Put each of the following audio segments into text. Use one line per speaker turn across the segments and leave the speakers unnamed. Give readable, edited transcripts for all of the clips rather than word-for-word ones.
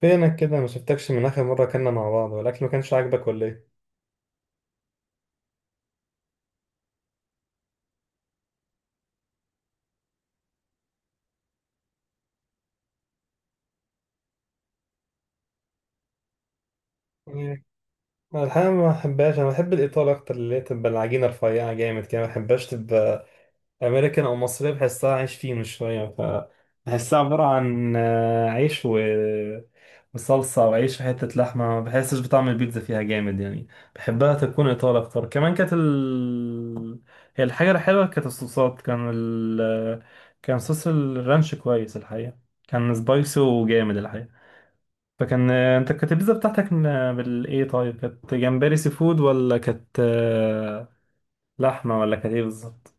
فينك كده ما شفتكش من اخر مره كنا مع بعض والاكل ما كانش عاجبك ولا ايه إيه. انا الحقيقه ما بحبهاش، انا بحب الايطالي اكتر اللي هي تبقى العجينه رفيعه جامد كده، ما بحبهاش تبقى امريكان او مصرية، بحسها عايش فيه من شوية. ف بحسها عبارة عن عيش وصلصة وعيش وحتة لحمة، ما بحسش بطعم البيتزا فيها جامد يعني. بحبها تكون إيطالي أكتر. كمان كانت هي الحاجة الحلوة كانت الصوصات. كان كان صوص الرانش كويس الحقيقة، كان سبايسي وجامد الحقيقة. فكان، انت كانت البيتزا بتاعتك بالإيه؟ طيب، كانت جمبري سي فود، ولا كانت لحمة، ولا كانت إيه بالظبط؟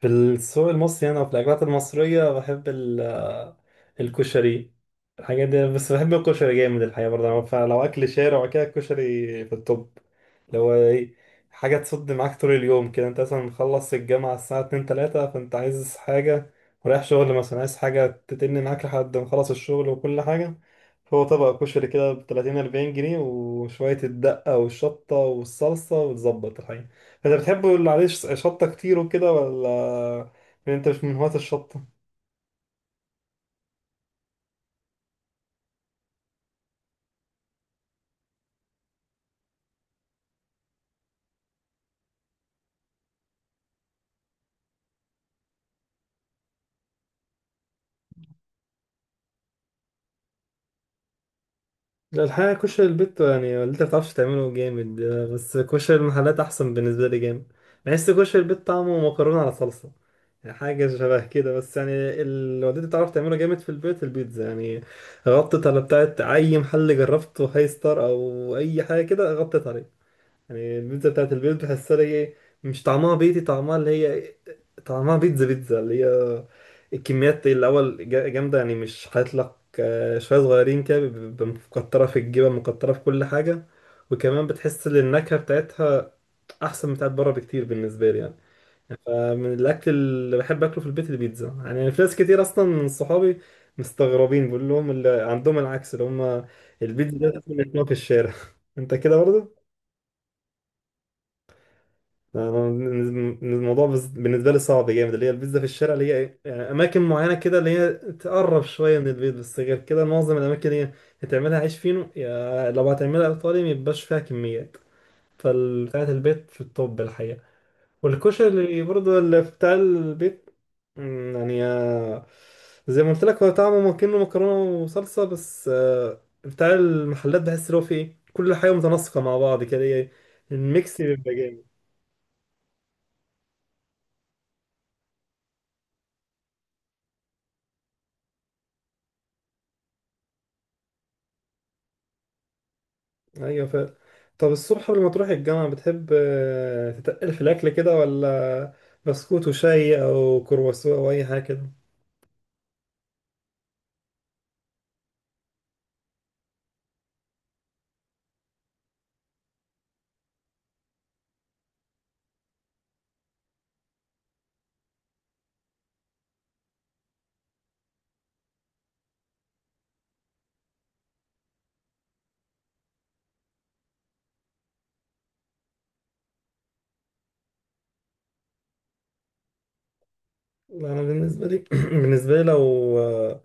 في السوق المصري هنا وفي الأكلات المصرية بحب الكشري، الحاجات دي. بس بحب الكشري جامد الحقيقة برضه. فلو أكل شارع وكده، الكشري في التوب. اللي هو إيه، حاجة تصد معاك طول اليوم كده. أنت مثلا مخلص الجامعة الساعة اتنين تلاتة، فأنت عايز حاجة ورايح شغل مثلا، عايز حاجة تتن معاك لحد ما خلص الشغل وكل حاجة. فهو طبق كشري كده بتلاتين أربعين جنيه وشوية الدقة والشطة والصلصة وتظبط الحقيقة. انت بتحب اللي عليه شطة كتير وكده، ولا يعني انت مش من هواة الشطة؟ لا، الحقيقة كشري البيت يعني اللي انت بتعرفش تعمله جامد، بس كشري المحلات أحسن بالنسبة لي جامد. بحس كشري البيت طعمه مكرونة على صلصة يعني، حاجة شبه كده بس يعني. اللي والدتي بتعرف تعمله جامد في البيت البيتزا يعني، غطت على بتاعت أي محل جربته، هاي ستار أو أي حاجة كده، غطت عليه. يعني البيتزا بتاعت البيت بحسها اللي هي، مش طعمها بيتي، طعمها اللي هي، طعمها بيتزا بيتزا، اللي هي الكميات الأول جامدة يعني، مش هيطلق شوية صغيرين كده، بيبقى مكترة في الجبن مكترة في كل حاجة. وكمان بتحس إن النكهة بتاعتها أحسن بتاعت بره بكتير بالنسبة لي يعني. فمن الأكل اللي بحب أكله في البيت البيتزا يعني، في ناس كتير أصلا من صحابي مستغربين، بقول لهم اللي عندهم العكس، اللي هم البيتزا ده تاكل من هناك في الشارع. أنت كده برضه؟ الموضوع بالنسبة لي صعب جامد، اللي هي البيتزا في الشارع اللي هي إيه، يعني أماكن معينة كده اللي هي تقرب شوية من البيت، بس غير كده معظم الأماكن اللي هي هتعملها عيش فينو، يا لو هتعملها إيطالي ميبقاش فيها كميات. فبتاعة البيت في الطب الحقيقة، والكشري اللي برضه اللي بتاع البيت. مم، يعني زي ما قلت لك، هو طعمه ممكنه مكرونة وصلصة، بس بتاع المحلات بحس اللي هو فيه إيه، كل حاجة متناسقة مع بعض كده، هي الميكس بيبقى جامد. ايوه طب الصبح قبل ما تروح الجامعة بتحب تتقل في الأكل كده، ولا بسكوت وشاي أو كرواسون أو أي حاجة كده؟ لا، أنا بالنسبة لي بالنسبة لي لو آه،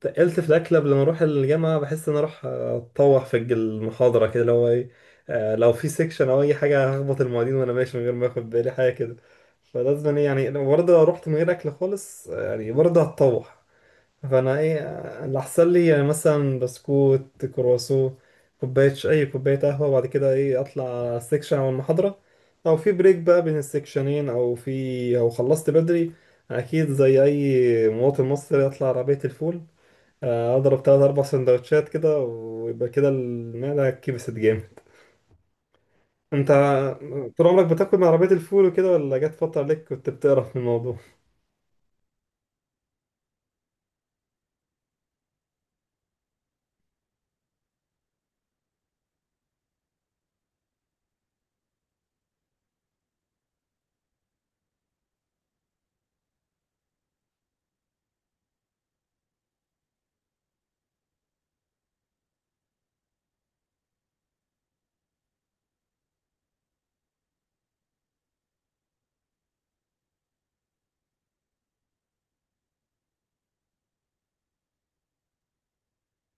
تقلت في الأكل قبل ما أروح الجامعة، بحس إن أنا أروح أتطوح في المحاضرة كده. لو إيه، لو في سيكشن أو أي حاجة، هخبط المعيدين وأنا ماشي من غير ما آخد بالي حاجة كده. فلازم إيه يعني، لو برضه لو رحت من غير أكل خالص، يعني برضه هتطوح. فانا ايه اللي احسن لي يعني، مثلا بسكوت كرواسو كوبايه اي كوبايه قهوه، وبعد كده ايه اطلع على السكشن او المحاضره، او في بريك بقى بين السكشنين او في او خلصت بدري، اكيد زي اي مواطن مصري اطلع عربيه الفول، اضرب تلات اربع سندوتشات كده ويبقى كده المعده كبست جامد. انت طول عمرك بتاكل من عربيه الفول وكده، ولا جت فتره عليك كنت بتقرف من الموضوع؟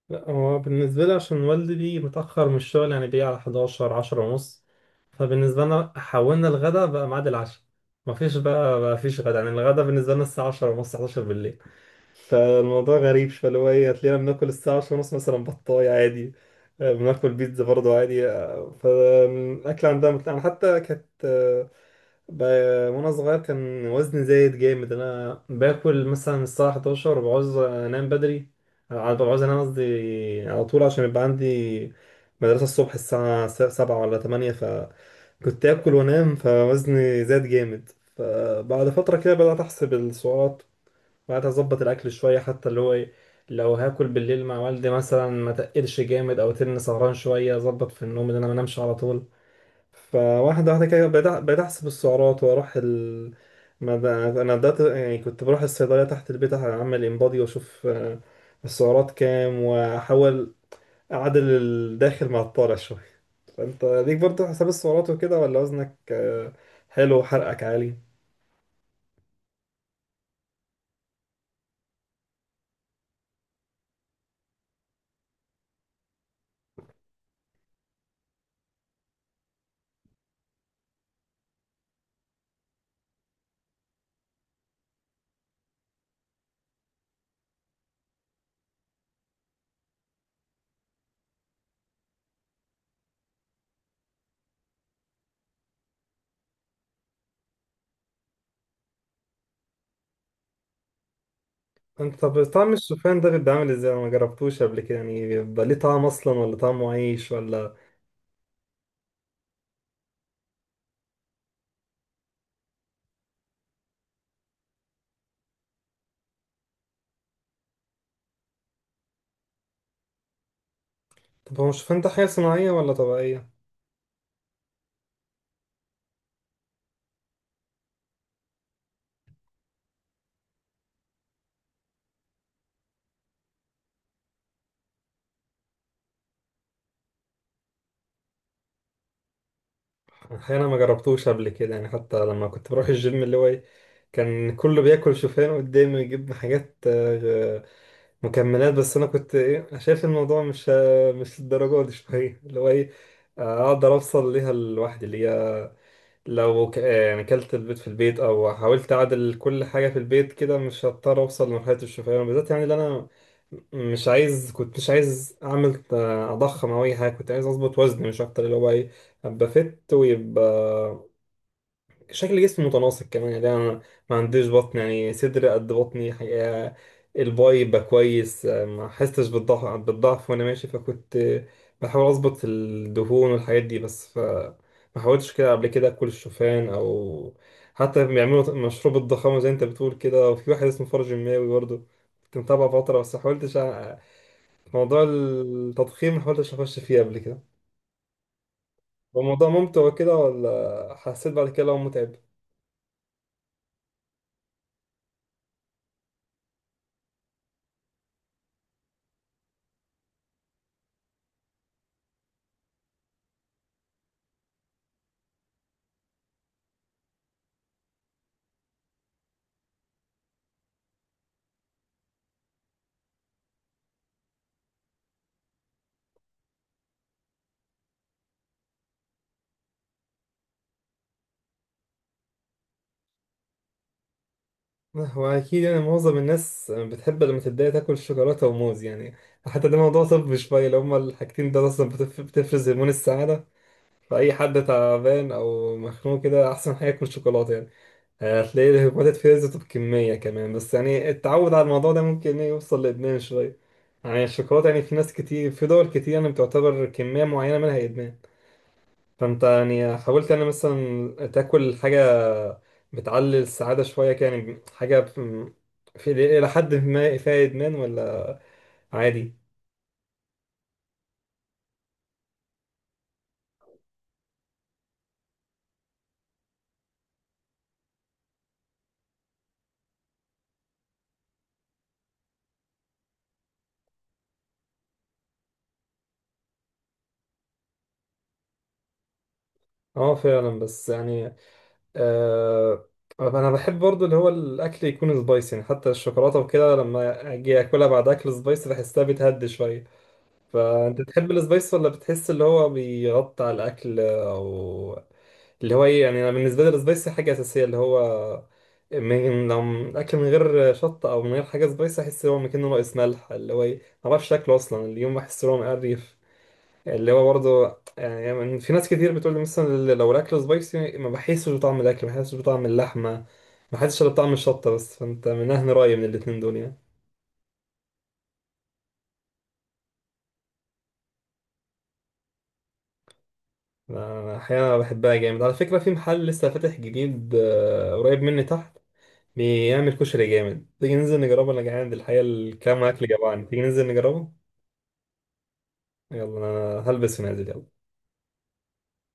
لا، هو بالنسبة لي عشان والدي بيجي متأخر من الشغل يعني، بيجي على 11 10 ونص. فبالنسبة لنا حولنا الغدا بقى ميعاد العشاء، مفيش بقى مفيش غدا يعني. الغدا بالنسبة لنا الساعة 10 ونص 11 بالليل، فالموضوع غريب. فاللي هو ايه، هتلاقينا بناكل الساعة 10 ونص مثلا بطاية عادي، بناكل بيتزا برضه عادي. فالأكل عندها أنا حتى كانت، ب- وأنا صغير كان وزني زايد جامد. أنا باكل مثلا الساعة 11 وبعوز أنام بدري، بعوز أنام قصدي على طول، عشان يبقى عندي مدرسة الصبح الساعة 7 ولا 8، فكنت آكل وأنام فوزني زاد جامد. فبعد فترة كده بدأت أحسب السعرات، بعد اظبط الاكل شويه. حتى اللي هو ايه، لو هاكل بالليل مع والدي مثلا ما تقلش جامد، او تن سهران شويه اظبط في النوم ان انا ما انامش على طول. فواحده واحده كده بقيت احسب السعرات واروح ال ما ب- انا بدات يعني، كنت بروح الصيدليه تحت البيت اعمل انبادي واشوف السعرات كام، واحاول اعدل الداخل مع الطالع شويه. فانت ليك برضه حساب السعرات وكده، ولا وزنك حلو وحرقك عالي؟ انت طب طعم الشوفان ده بيبقى عامل ازاي؟ انا ما جربتوش قبل كده يعني. بيبقى ليه طعم اصلا، ولا طعمه عيش ولا؟ طب هو الشوفان ده حاجه صناعيه ولا طبيعيه؟ احيانا ما جربتوش قبل كده يعني. حتى لما كنت بروح الجيم، اللي هو ايه، كان كله بياكل شوفان قدامي ويجيب حاجات مكملات، بس انا كنت ايه شايف الموضوع مش مش الدرجه دي شويه، اللي هو ايه، اقدر اوصل ليها لوحدي، اللي هي لو يعني كلت البيض في البيت او حاولت اعدل كل حاجه في البيت كده، مش هضطر اوصل لمرحله الشوفان بالذات يعني. اللي انا مش عايز، كنت مش عايز اعمل اضخم او اي حاجه، كنت عايز اظبط وزني مش اكتر. اللي هو ايه، ابقى فت ويبقى شكل جسمي متناسق كمان يعني. انا ما عنديش بطن يعني، صدر قد بطني حقيقة، الباي يبقى كويس، ما حستش بالضعف بالضعف وانا ماشي. فكنت بحاول اظبط الدهون والحاجات دي. بس ف ما حاولتش كده قبل كده اكل الشوفان، او حتى بيعملوا مشروب الضخامه زي انت بتقول كده، وفي واحد اسمه فرج الماوي برضه كنت متابعه فتره، بس ما حاولتش موضوع التضخيم ما حاولتش اخش فيه قبل كده. هو الموضوع ممتع وكده، ولا حسيت بعد كده لو متعب؟ هو أكيد يعني معظم الناس بتحب لما تبدأ تاكل شوكولاتة وموز يعني، حتى ده موضوع طبي شوية. لو هما الحاجتين دول أصلا بتفرز هرمون السعادة، فأي حد تعبان أو مخنوق كده أحسن حاجة ياكل شوكولاتة يعني. هتلاقي الهرمونات اتفرزت بكمية كمان، بس يعني التعود على الموضوع ده ممكن إيه يوصل لإدمان شوية يعني. الشوكولاتة يعني في ناس كتير في دول كتير يعني بتعتبر كمية معينة منها إدمان. فانت يعني حاولت يعني مثلا تاكل حاجة بتعلي السعادة شوية كده يعني، حاجة في- إلى حد ما فيها إدمان، ولا عادي؟ اه فعلا بس يعني، آه، أنا بحب برضو اللي هو الأكل يكون سبايسي يعني. حتى الشوكولاتة وكده لما أجي أكلها بعد أكل سبايسي بحسها بتهدي شوية. فانت تحب السبايس، ولا بتحس اللي هو بيغطي على الاكل او اللي هو ايه؟ يعني انا بالنسبه لي السبايسي حاجه اساسيه، اللي هو من، لو الاكل من غير شطه او من غير حاجه سبايسي احس ان هو مكانه ناقص ملح. اللي هو ايه، ما بعرفش شكله اصلا اليوم، بحس ان هو مقرف. اللي هو برضه يعني، يعني في ناس كتير بتقول لي مثلا، لو الاكل سبايسي ما بحسش بطعم الاكل، ما بحسش بطعم اللحمه، ما بحسش إلا بطعم الشطه بس. فانت من اهل رايي من الاتنين دول يعني؟ أنا أحيانا بحبها جامد على فكرة. في محل لسه فاتح جديد قريب مني تحت، بيعمل كشري جامد. تيجي ننزل نجربه؟ أنا جعان الحقيقة، الكلام معاك اللي جوعني. تيجي ننزل نجربه؟ يلا أنا هلبس ونازل، يلا.